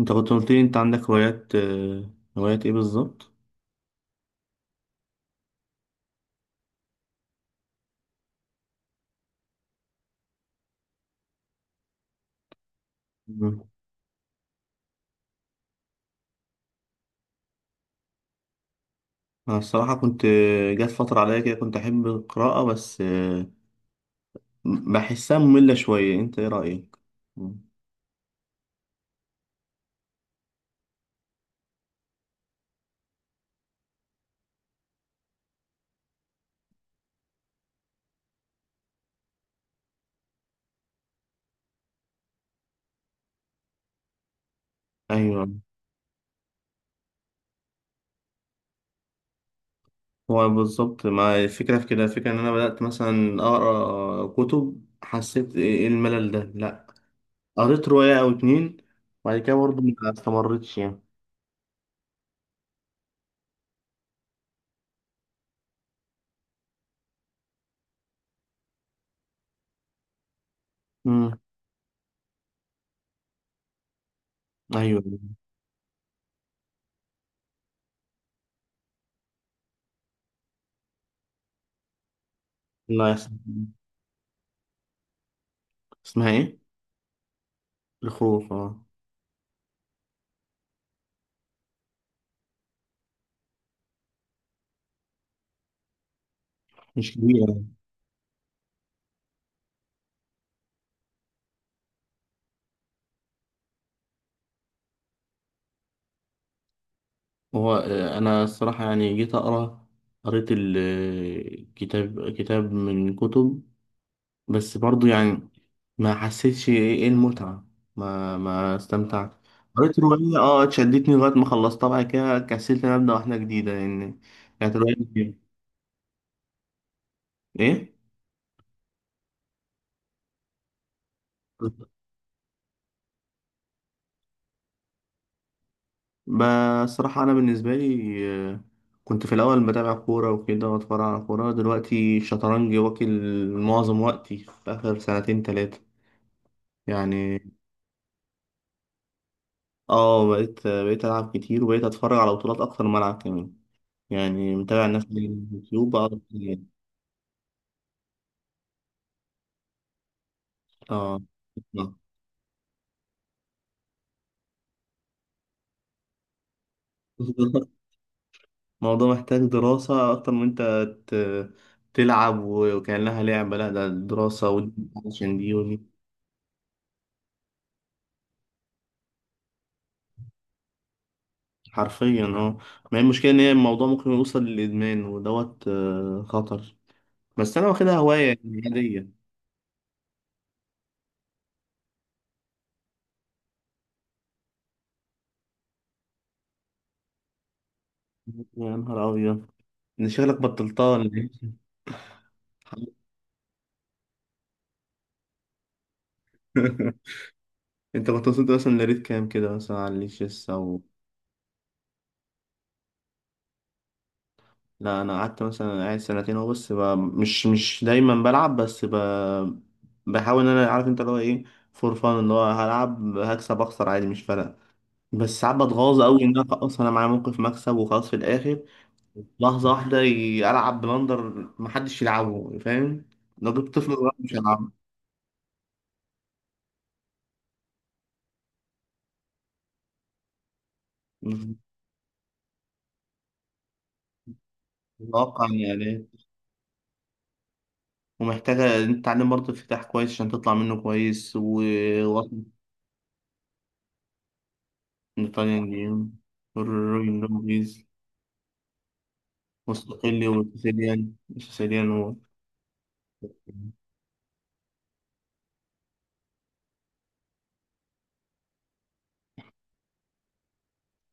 انت كنت قلت لي انت عندك هوايات. هوايات ايه بالظبط؟ مم. انا الصراحه كنت آه، جات فتره عليا كده كنت احب القراءه، بس بحسها ممله شويه. انت ايه رايك؟ مم. ايوه. هو بالظبط ما الفكره في كده، الفكره ان انا بدات مثلا اقرا كتب، حسيت إيه الملل ده؟ لا، قريت روايه او اتنين وبعد كده برضه ما استمرتش يعني. مم. ايوه. لا يا اسطى. اسمها ايه؟ الخوف؟ اه، مش كبيره. هو، انا الصراحه يعني جيت اقرا، قريت الكتاب كتاب من كتب، بس برضو يعني ما حسيتش إيه المتعه، ما استمتعت. قريت روايه، اه، اتشدتني لغايه ما خلصتها. بعد كده كسلت إن أنا ابدا واحده جديده، لان كانت روايه ايه؟ بصراحه انا بالنسبه لي، آه، كنت في الاول بتابع كوره وكده واتفرج على كوره. دلوقتي الشطرنج واكل معظم وقتي في اخر سنتين ثلاثه يعني. اه، بقيت ألعب كتير وبقيت أتفرج على بطولات أكتر ما ألعب كمان، يعني متابع الناس اللي على اليوتيوب بقى. اه. آه. الموضوع محتاج دراسة أكتر من أنت ت- تلعب وكأنها لعبة. لا، ده دراسة، ودي عشان دي ودي، حرفيا، اه. ما هي المشكلة إن هي الموضوع ممكن يوصل للإدمان ودوت، خطر. بس أنا واخدها هواية يعني عادية. يا نهار أبيض! إن شغلك بطلتها ولا إيه؟ انت كنت وصلت مثلا لريت كام كده مثلا على الشيس او... لا، انا قعدت مثلا قاعد سنتين اهو، بس مش دايما بلعب، بس بحاول ان انا عارف انت اللي هو ايه، فور فان، اللي هو هلعب هكسب اخسر عادي مش فارقه. بس ساعات بتغاظ قوي ان انا خلاص، انا معايا موقف مكسب وخلاص في الاخر، لحظه واحده العب بلندر، محدش يلعبه، فاهم؟ لو جبت طفل صغير مش هيلعبه. متوقع يعني. ومحتاجه إن أنت تتعلم برضه افتتاح كويس عشان تطلع منه كويس و وطن، ايطاليان جيم، مستقلي وسيسيليان. سيسيليان هو.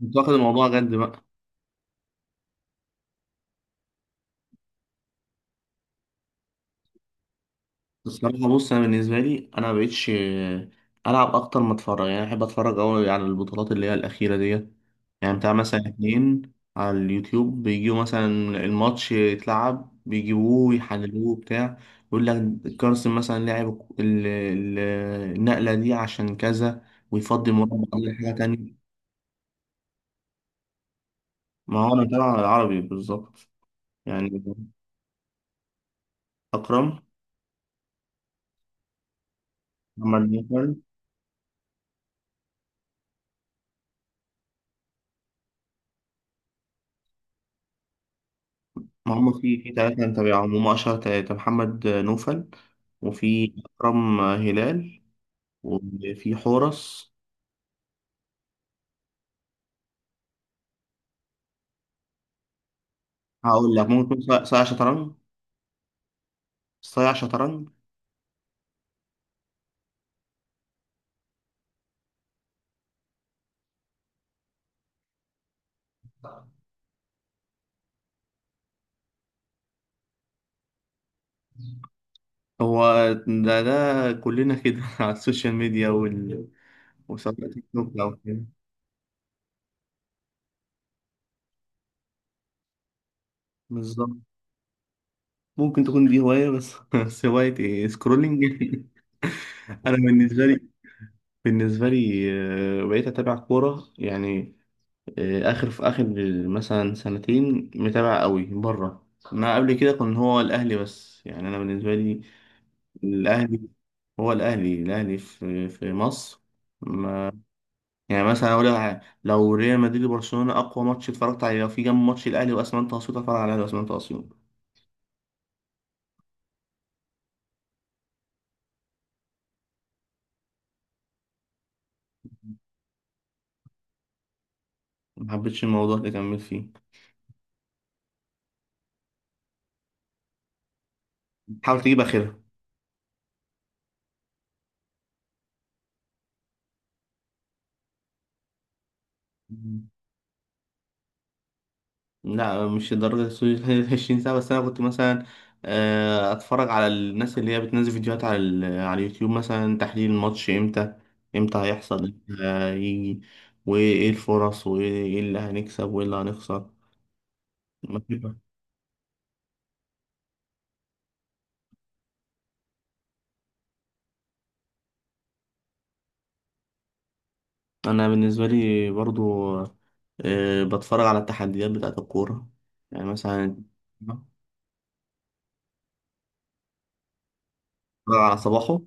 كنت واخد الموضوع جد بقى. الصراحة بص، أنا بالنسبة لي أنا مبقتش ألعب أكتر ما أتفرج. يعني أحب أتفرج أوي على البطولات اللي هي الأخيرة ديت، يعني بتاع مثلا اتنين. على اليوتيوب بيجيبوا مثلا الماتش يتلعب، بيجيبوه يحللوه بتاع، يقول لك كارسن مثلا لعب ال- ال- النقلة دي عشان كذا، ويفضي المربع دي لحاجة تانية. ما هو أنا بتابع العربي بالظبط. يعني أكرم. محمد ناصر. ما هم في ثلاثة أنا متابعهم، هم أشهر ثلاثة: محمد نوفل، وفي أكرم هلال، وفي حورس. هقول لك ممكن يكون صايع شطرنج. صايع شطرنج. هو ده كلنا كده على السوشيال ميديا وسواء تيك توك أو كده. بالظبط. ممكن تكون دي هواية، بس بس هواية إيه؟ سكرولينج. أنا بالنسبة لي، بالنسبة لي بقيت أتابع كورة. يعني في اخر مثلا سنتين متابع قوي بره. ما قبل كده كان هو الاهلي بس، يعني انا بالنسبه لي الاهلي، هو الاهلي في مصر، ما... يعني مثلا اقول لك حاجة، لو ريال مدريد وبرشلونه اقوى ماتش اتفرجت عليه في جنب ماتش الاهلي واسمنت اسيوط، اتفرج على الاهلي واسمنت اسيوط. ما حبيتش الموضوع اللي كملت فيه. حاول تجيب اخرها. لا مش لدرجة السويس. 20 سنة. بس أنا كنت مثلا أتفرج على الناس اللي هي بتنزل فيديوهات على اليوتيوب، مثلا تحليل الماتش إمتى، هيحصل، إمتى هيجي، وإيه الفرص، وإيه اللي هنكسب وإيه اللي هنخسر. مفيش- أنا بالنسبة لي برضو، بتفرج على التحديات بتاعة الكورة. يعني مثلا بتفرج على صباحه.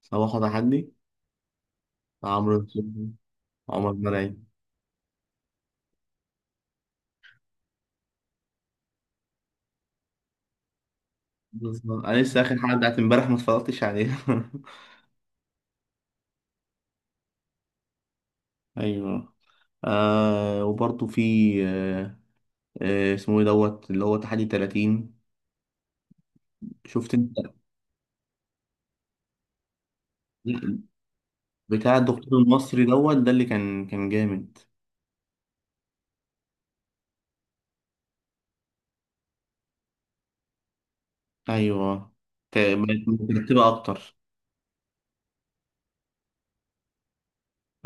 صباحه تحدي، عمرو نصوحي، عمر مرعي. بالظبط. أنا لسه آخر حلقة بتاعت إمبارح ما اتفرجتش عليها. ايوه. وبرضه في، آه اسمه ايه دوت اللي هو تحدي 30، شفت انت بتاع الدكتور المصري دوت ده اللي كان جامد؟ ايوه، بقت مترتبة اكتر.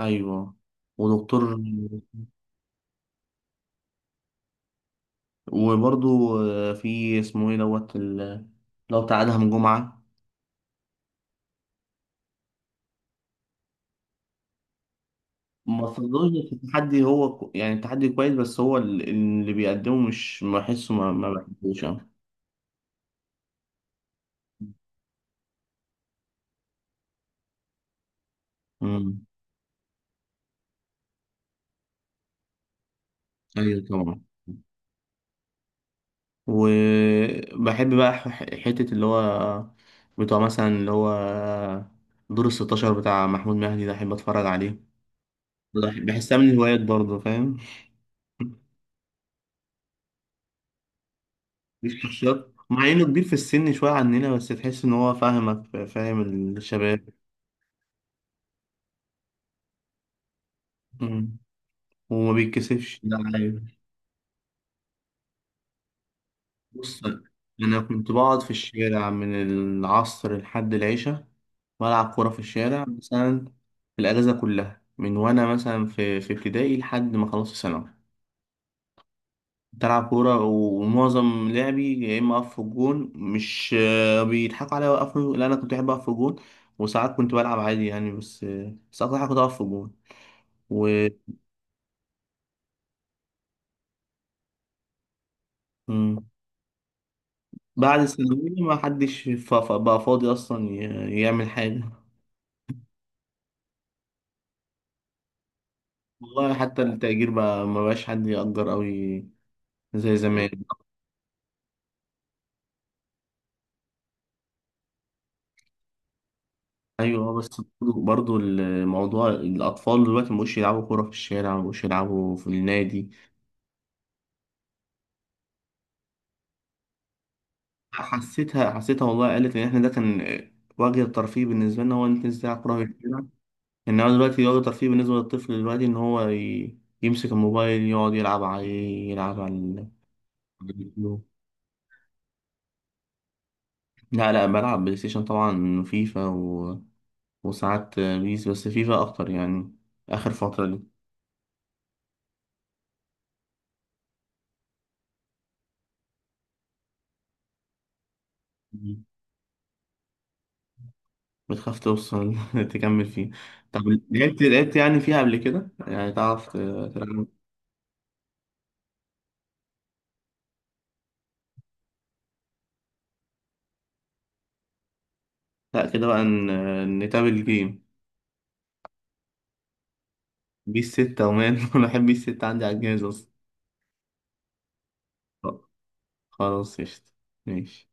ايوه، ودكتور. وبرضه، في اسمه ايه دوت لو بتاع ادهم جمعة. ما فضلش في التحدي. هو يعني التحدي كويس بس هو اللي بيقدمه مش بحسه، ما بحبوش أوي. امم. ايوه طبعا. وبحب بقى حتة اللي هو بتوع مثلا اللي هو دور الستاشر بتاع محمود مهدي ده، أحب أتفرج عليه. بحسها من الهوايات برضه، فاهم. مش شخصيات. مع إنه كبير في السن شوية عننا بس تحس إن هو فاهمك. فاهم الشباب. مم. وما بيتكسفش ده. بص، أنا كنت بقعد في الشارع من العصر لحد العشاء، بلعب كورة في الشارع مثلا، في الأجازة كلها، من وأنا مثلا في ابتدائي لحد ما خلصت ثانوي. بلعب كورة ومعظم لعبي يا إما أقف في الجون. مش بيضحكوا عليا وأقف، لا، أنا كنت بحب أقف في الجون. وساعات كنت بلعب عادي يعني، بس بس أكتر حاجة كنت أقف في الجون و... مم. بعد الثانوية ما حدش بقى فاضي أصلا يعمل حاجة. والله حتى التأجير بقى ما بقاش حد يأجر أوي زي زمان. أيوه. بس برضو برضو الموضوع الأطفال دلوقتي مبقوش يلعبوا كورة في الشارع، مبقوش يلعبوا في النادي. حسيتها حسيتها والله، قالت إن إحنا ده كان وجه الترفيه بالنسبة لنا هو إن أنت تنزل تلعب كورة في الشارع. إنما دلوقتي وجه الترفيه بالنسبة للطفل دلوقتي إن هو يمسك الموبايل يقعد يلعب عليه، يلعب على اليوتيوب. لا لا، بلعب بلاي ستيشن طبعا، فيفا وساعات بيس، بس فيفا أكتر يعني آخر فترة دي. مم. بتخاف توصل تكمل فيه؟ طب لعبت مم. لعبت يعني فيها قبل كده يعني تعرف تلعب؟ لا كده بقى نتابع الجيم. بيس 6 ومان. أنا بحب بيس 6، عندي على الجهاز أصلا. خلاص قشطة. ماشي.